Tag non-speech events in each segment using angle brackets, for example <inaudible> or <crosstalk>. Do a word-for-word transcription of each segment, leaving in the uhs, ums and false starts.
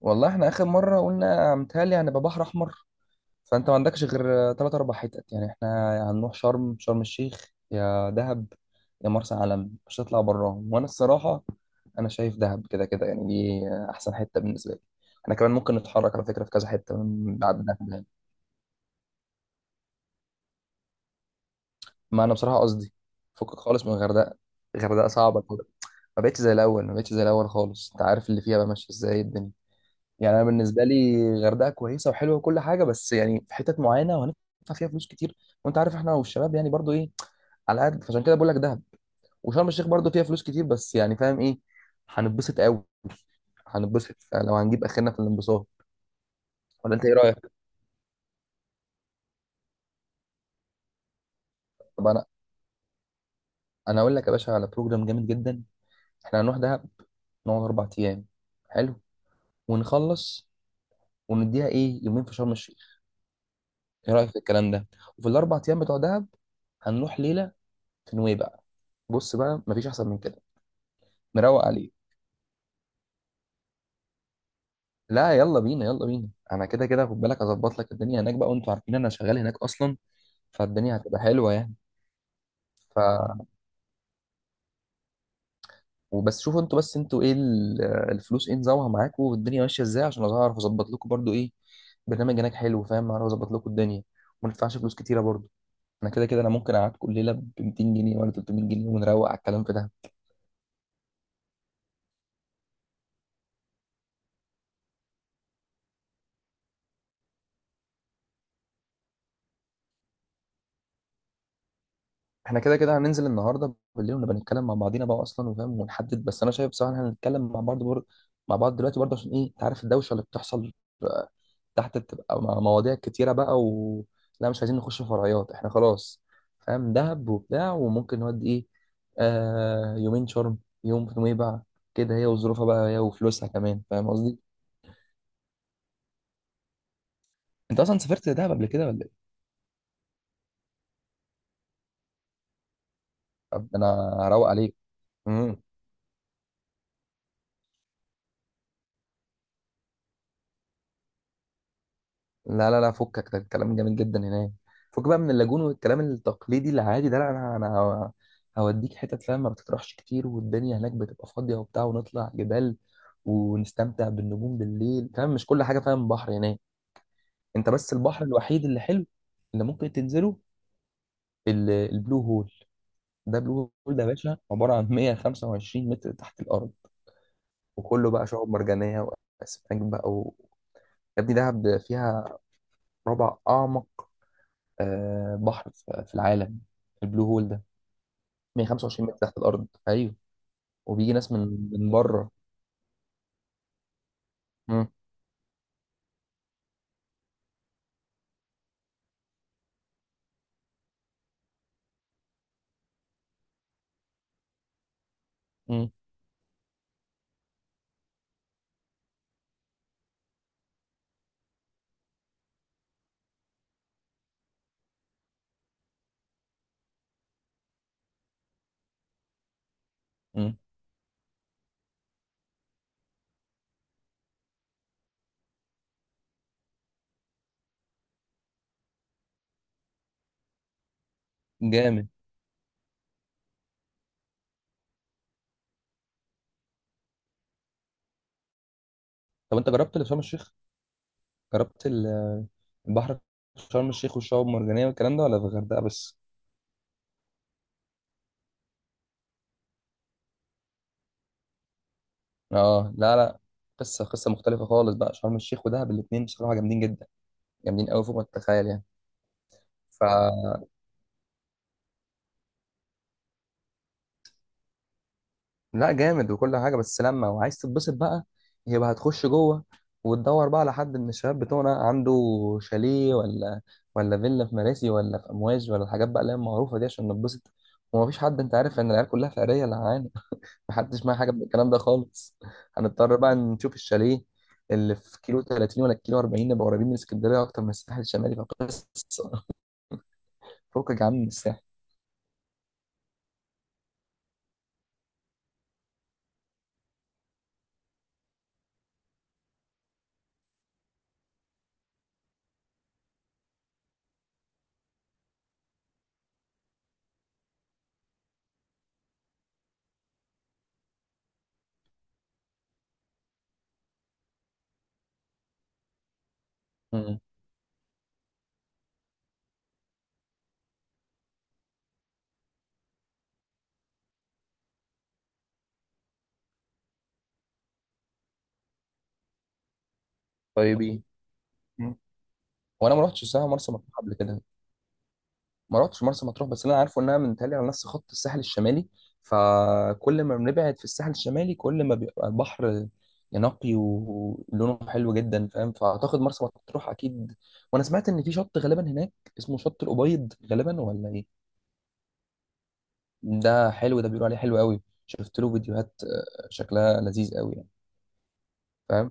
والله احنا اخر مره قلنا متهيألي هنبقى بحر احمر. فانت ما عندكش غير ثلاث اربع حتت، يعني احنا يا هنروح شرم شرم الشيخ يا دهب يا مرسى علم، مش هتطلع براهم وانا الصراحه. انا شايف دهب كده كده، يعني دي احسن حته بالنسبه لي. احنا كمان ممكن نتحرك على فكره في كذا حته من بعد دهب يعني. ما انا بصراحه قصدي فكك خالص من الغردقه. الغردقه صعبه كده. ما بقتش زي الاول، ما بقتش زي الاول خالص. انت عارف اللي فيها بقى ماشيه ازاي الدنيا. يعني انا بالنسبه لي الغردقه كويسه وحلوه وكل حاجه، بس يعني في حتت معينه وهندفع فيها فلوس كتير، وانت عارف احنا والشباب يعني برضو ايه، على قد فعشان كده بقول لك دهب. وشرم الشيخ برضو فيها فلوس كتير، بس يعني فاهم ايه هنتبسط قوي، هنتبسط لو هنجيب اخرنا في الانبساط. ولا انت ايه رايك؟ طب انا انا اقول لك يا باشا على بروجرام جامد جدا. احنا هنروح دهب، نقعد اربع ايام حلو ونخلص، ونديها ايه يومين في شرم الشيخ. ايه رايك في الكلام ده؟ وفي الاربع ايام بتوع دهب هنروح ليله نوي بقى. بص بقى مفيش احسن من كده، مروق عليه. لا يلا بينا يلا بينا، انا كده كده خد بالك اظبط لك الدنيا هناك بقى، وانتوا عارفين انا شغال هناك اصلا، فالدنيا هتبقى حلوه يعني. ف وبس شوفوا انتوا بس انتوا ايه ال- الفلوس ايه نظامها معاكم، والدنيا ماشيه ازاي عشان اعرف اظبط لكم برضو ايه برنامج هناك حلو، فاهم، اعرف اظبط لكم الدنيا وما ندفعش فلوس كتيره برضو. انا كده كده انا ممكن اقعدكم الليله ب ميتين جنيه ولا تلت ميت جنيه ونروق على الكلام في ده. احنا كده كده هننزل النهارده بالليل ونبقى نتكلم مع بعضينا بقى اصلا وفاهم ونحدد، بس انا شايف بصراحه إن احنا هنتكلم مع بعض بر... مع بعض دلوقتي برضه، عشان ايه انت عارف الدوشه اللي بتحصل آه، تحت بتبقى مع- مواضيع كتيره بقى و. لا مش عايزين نخش في فرعيات احنا خلاص، فاهم دهب وبتاع وممكن نودي ايه، آه يومين شرم، يوم في نويبع، كده هي وظروفها بقى هي وفلوسها كمان، فاهم قصدي. انت اصلا سافرت دهب قبل كده ولا ايه؟ طب انا هروق عليك. إمم. لا لا لا فكك ده، الكلام جميل جدا هناك. فك بقى من اللاجون والكلام التقليدي العادي ده، لا انا انا هو- هوديك حتت، فاهم، ما بتطرحش كتير، والدنيا هناك بتبقى فاضيه وبتاع، ونطلع جبال ونستمتع بالنجوم بالليل، فاهم، مش كل حاجه، فاهم، بحر هناك. انت بس البحر الوحيد اللي حلو اللي ممكن تنزله ال- البلو هول. ده بلو هول ده يا باشا عباره عن مية وخمسة وعشرين متر تحت الارض، وكله بقى شعاب مرجانيه واسماك بقى و... يا ابني دهب فيها ربع اعمق آه، بحر في في العالم. البلو هول ده مية وخمسة وعشرين متر تحت الارض ايوه، وبيجي ناس من من بره. مم. مم. مم. جامد. طب انت جربت اللي في شرم الشيخ، جربت ال- البحر في شرم الشيخ والشعاب المرجانيه والكلام ده، ولا في الغردقه بس؟ اه لا لا، قصه قصه مختلفه خالص بقى، شرم الشيخ ودهب الاثنين بصراحه جامدين جدا، جامدين قوي فوق ما تتخيل يعني. ف لا جامد وكل حاجه، بس لما وعايز تتبسط بقى يبقى هتخش جوه وتدور بقى على حد من الشباب بتوعنا عنده شاليه، ولا ولا فيلا في مراسي، ولا في امواج، ولا الحاجات بقى اللي هي المعروفه دي عشان نتبسط. ومفيش حد، انت عارف ان العيال كلها فقريه اللي معانا، <laughs> محدش معاه حاجه من الكلام ده خالص. هنضطر بقى نشوف الشاليه اللي في كيلو تلاتين ولا كيلو اربعين، نبقى قريبين من اسكندريه اكتر من الساحل الشمالي، فقصه. فكك يا عم من الساحل. مم. طيب ايه؟ مم. وانا ما رحتش الساحل مرسى مطروح قبل كده، ما رحتش مرسى مطروح، بس اللي انا عارفه انها منتهيه على نفس خط الساحل الشمالي، فكل ما بنبعد في الساحل الشمالي كل ما بيبقى البحر نقي ولونه حلو جدا، فاهم، فاعتقد مرسى مطروح اكيد. وانا سمعت ان في شط غالبا هناك اسمه شط الابيض غالبا، ولا ايه؟ ده حلو، ده بيقولوا عليه حلو قوي، شفت له فيديوهات آه، شكلها لذيذ قوي يعني، فاهم.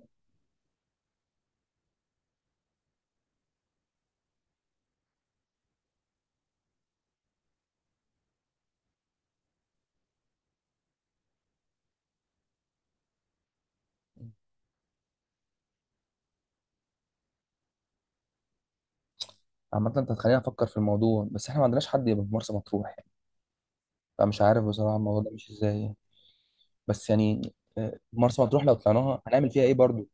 عامة انت هتخليني افكر في الموضوع، بس احنا ما عندناش حد يبقى في مرسى مطروح يعني، فمش عارف بصراحة الموضوع ده مش ازاي يعني. بس يعني آه، مرسى مطروح لو طلعناها هنعمل فيها ايه برضو؟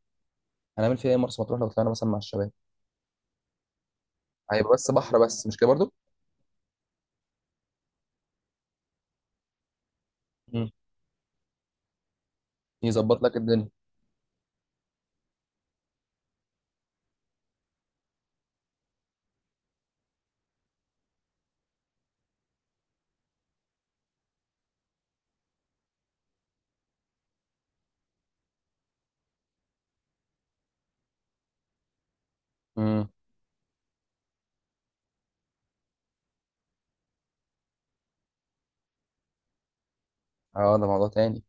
هنعمل فيها ايه مرسى مطروح لو طلعنا مثلا مع الشباب؟ هيبقى بس بحر، بس مش كده برضو. مم. يظبط لك الدنيا. امم اه، ده موضوع تاني.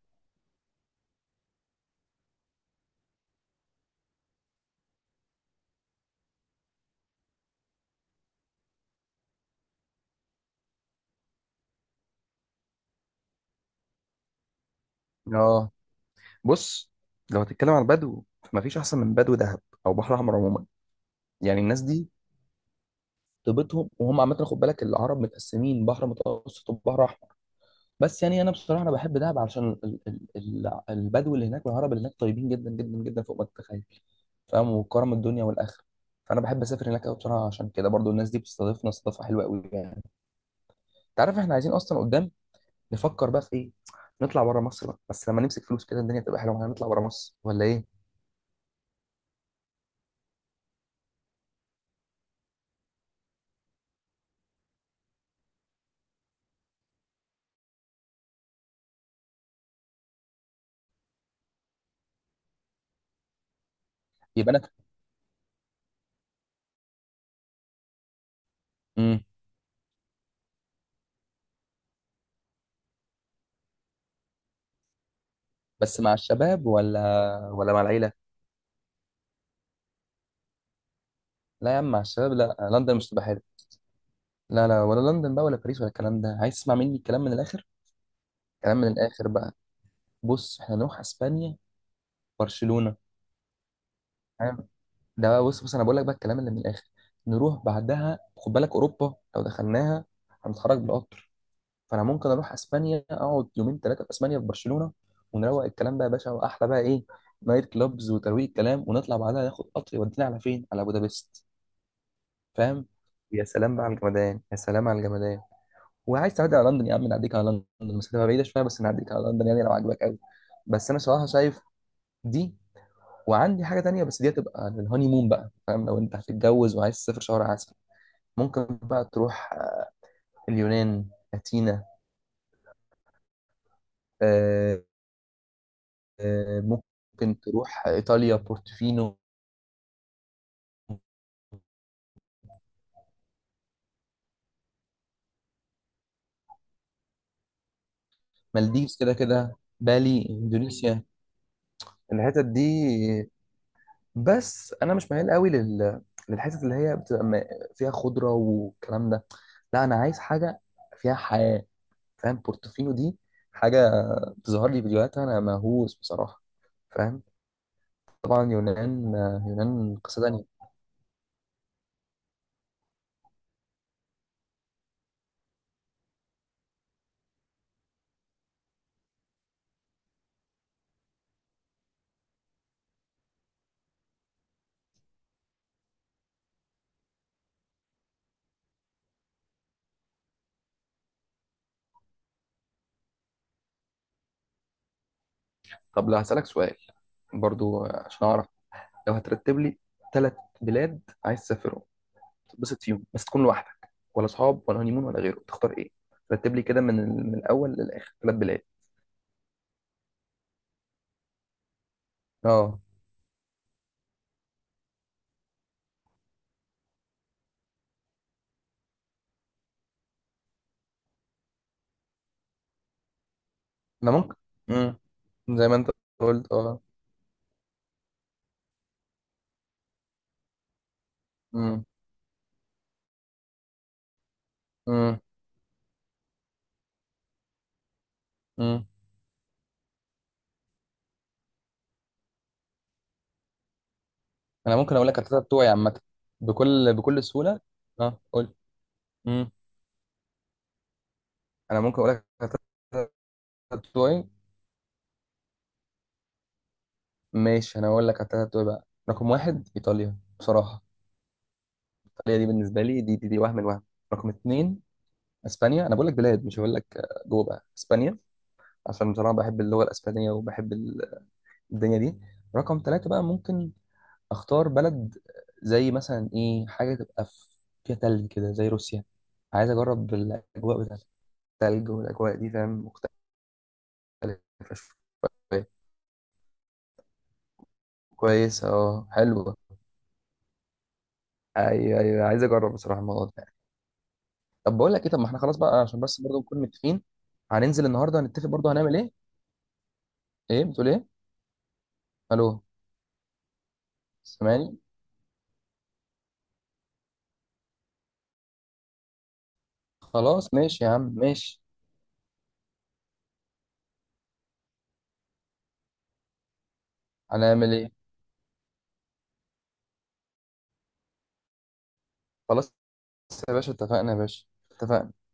اه بص، لو هتتكلم عن البدو فمفيش احسن من بدو دهب او بحر احمر عموما. يعني الناس دي طيبتهم، وهم عامه خد بالك العرب متقسمين بحر متوسط وبحر احمر، بس يعني انا بصراحه انا بحب دهب عشان ال- ال- ال- البدو اللي هناك والعرب اللي هناك طيبين جدا جدا جدا فوق ما تتخيل، فاهم، وكرم الدنيا والاخره. فانا بحب اسافر هناك قوي بصراحه، عشان كده برضو الناس دي بتستضيفنا استضافه حلوه قوي يعني. انت عارف احنا عايزين اصلا قدام نفكر بقى في ايه، نطلع بره مصر بقى بس لما نمسك فلوس كده، الدنيا تبقى حلوه معانا، نطلع بره مصر ولا ايه؟ يبقى انا. امم بس مع الشباب ولا ولا مع العيله؟ لا يا عم مع الشباب، لا لندن مش تبقى حلوه، لا لا، ولا لندن بقى ولا باريس ولا الكلام ده. عايز تسمع مني الكلام من الاخر؟ كلام من الاخر بقى، بص احنا نروح اسبانيا، برشلونه، تمام. ده بقى بص بص انا بقول لك بقى الكلام اللي من الاخر. نروح بعدها خد بالك، اوروبا لو دخلناها هنتحرك بالقطر. فانا ممكن اروح اسبانيا، اقعد يومين ثلاثه في اسبانيا في برشلونه، ونروق الكلام بقى يا باشا، واحلى بقى ايه، نايت كلابز وترويق الكلام، ونطلع بعدها ناخد قطر يودينا على فين، على بودابست، فاهم. يا سلام بقى على الجمدان، يا سلام على الجمدان. وعايز تعدي على لندن يا عم نعديك على لندن، المسافه بعيده شويه بس نعديك على لندن، يعني لو عجبك قوي. بس انا صراحه شايف دي، وعندي حاجة تانية بس دي هتبقى للهاني مون بقى، فاهم، لو انت هتتجوز وعايز تسافر شهر عسل ممكن بقى تروح آه، اليونان، أثينا، آه، آه، ممكن تروح إيطاليا، بورتوفينو. مالديفز كده كده، بالي، إندونيسيا، الحتت دي، بس أنا مش ميال قوي لل للحتت اللي هي بتبقى م- فيها خضرة والكلام ده. لا أنا عايز حاجة فيها حياة، فاهم. بورتوفينو دي حاجة تظهر لي فيديوهاتها، أنا مهووس بصراحة، فاهم. طبعا يونان آه، يونان قصة تانية. طب لا هسألك سؤال برضو آه، عشان أعرف، لو هترتب لي ثلاث بلاد عايز تسافرهم تتبسط فيهم بس، تكون لوحدك ولا أصحاب ولا هنيمون ولا غيره، تختار إيه؟ رتب لي كده من ال- من الأول للآخر ثلاث بلاد. اه أنا ممكن. مم. زي ما أنت قلت اه. مم. مم. مم. أنا ممكن أقول لك التلاتة بتوعي عامة، بكل بكل سهولة. اه قول. مم. أنا ممكن أقول لك التلاتة بتوعي. ماشي انا اقول لك على التلاتة بتوعي بقى. رقم واحد ايطاليا بصراحه، ايطاليا دي بالنسبه لي، دي دي, دي وهم الوهم. رقم اتنين اسبانيا، انا بقول لك بلاد مش هقول لك آه، جوه بقى اسبانيا، عشان بصراحه بحب اللغه الاسبانيه وبحب ال- الدنيا دي. رقم تلاته بقى ممكن اختار بلد، زي مثلا ايه، حاجه تبقى في- فيها تلج كده زي روسيا، عايز اجرب الاجواء بتاعت التلج والاجواء دي، فاهم، مختلفه شويه. كويسه اه حلوه. ايوه ايوه، عايز اجرب بصراحه الموضوع ده. طب بقول لك ايه، طب ما احنا خلاص بقى، عشان بس برضه نكون متفقين هننزل النهارده هنتفق برضه هنعمل ايه؟ ايه بتقول ايه؟ الو، سامعني؟ خلاص ماشي يا عم ماشي، هنعمل ايه. خلاص يا باشا اتفقنا، يا باشا اتفقنا.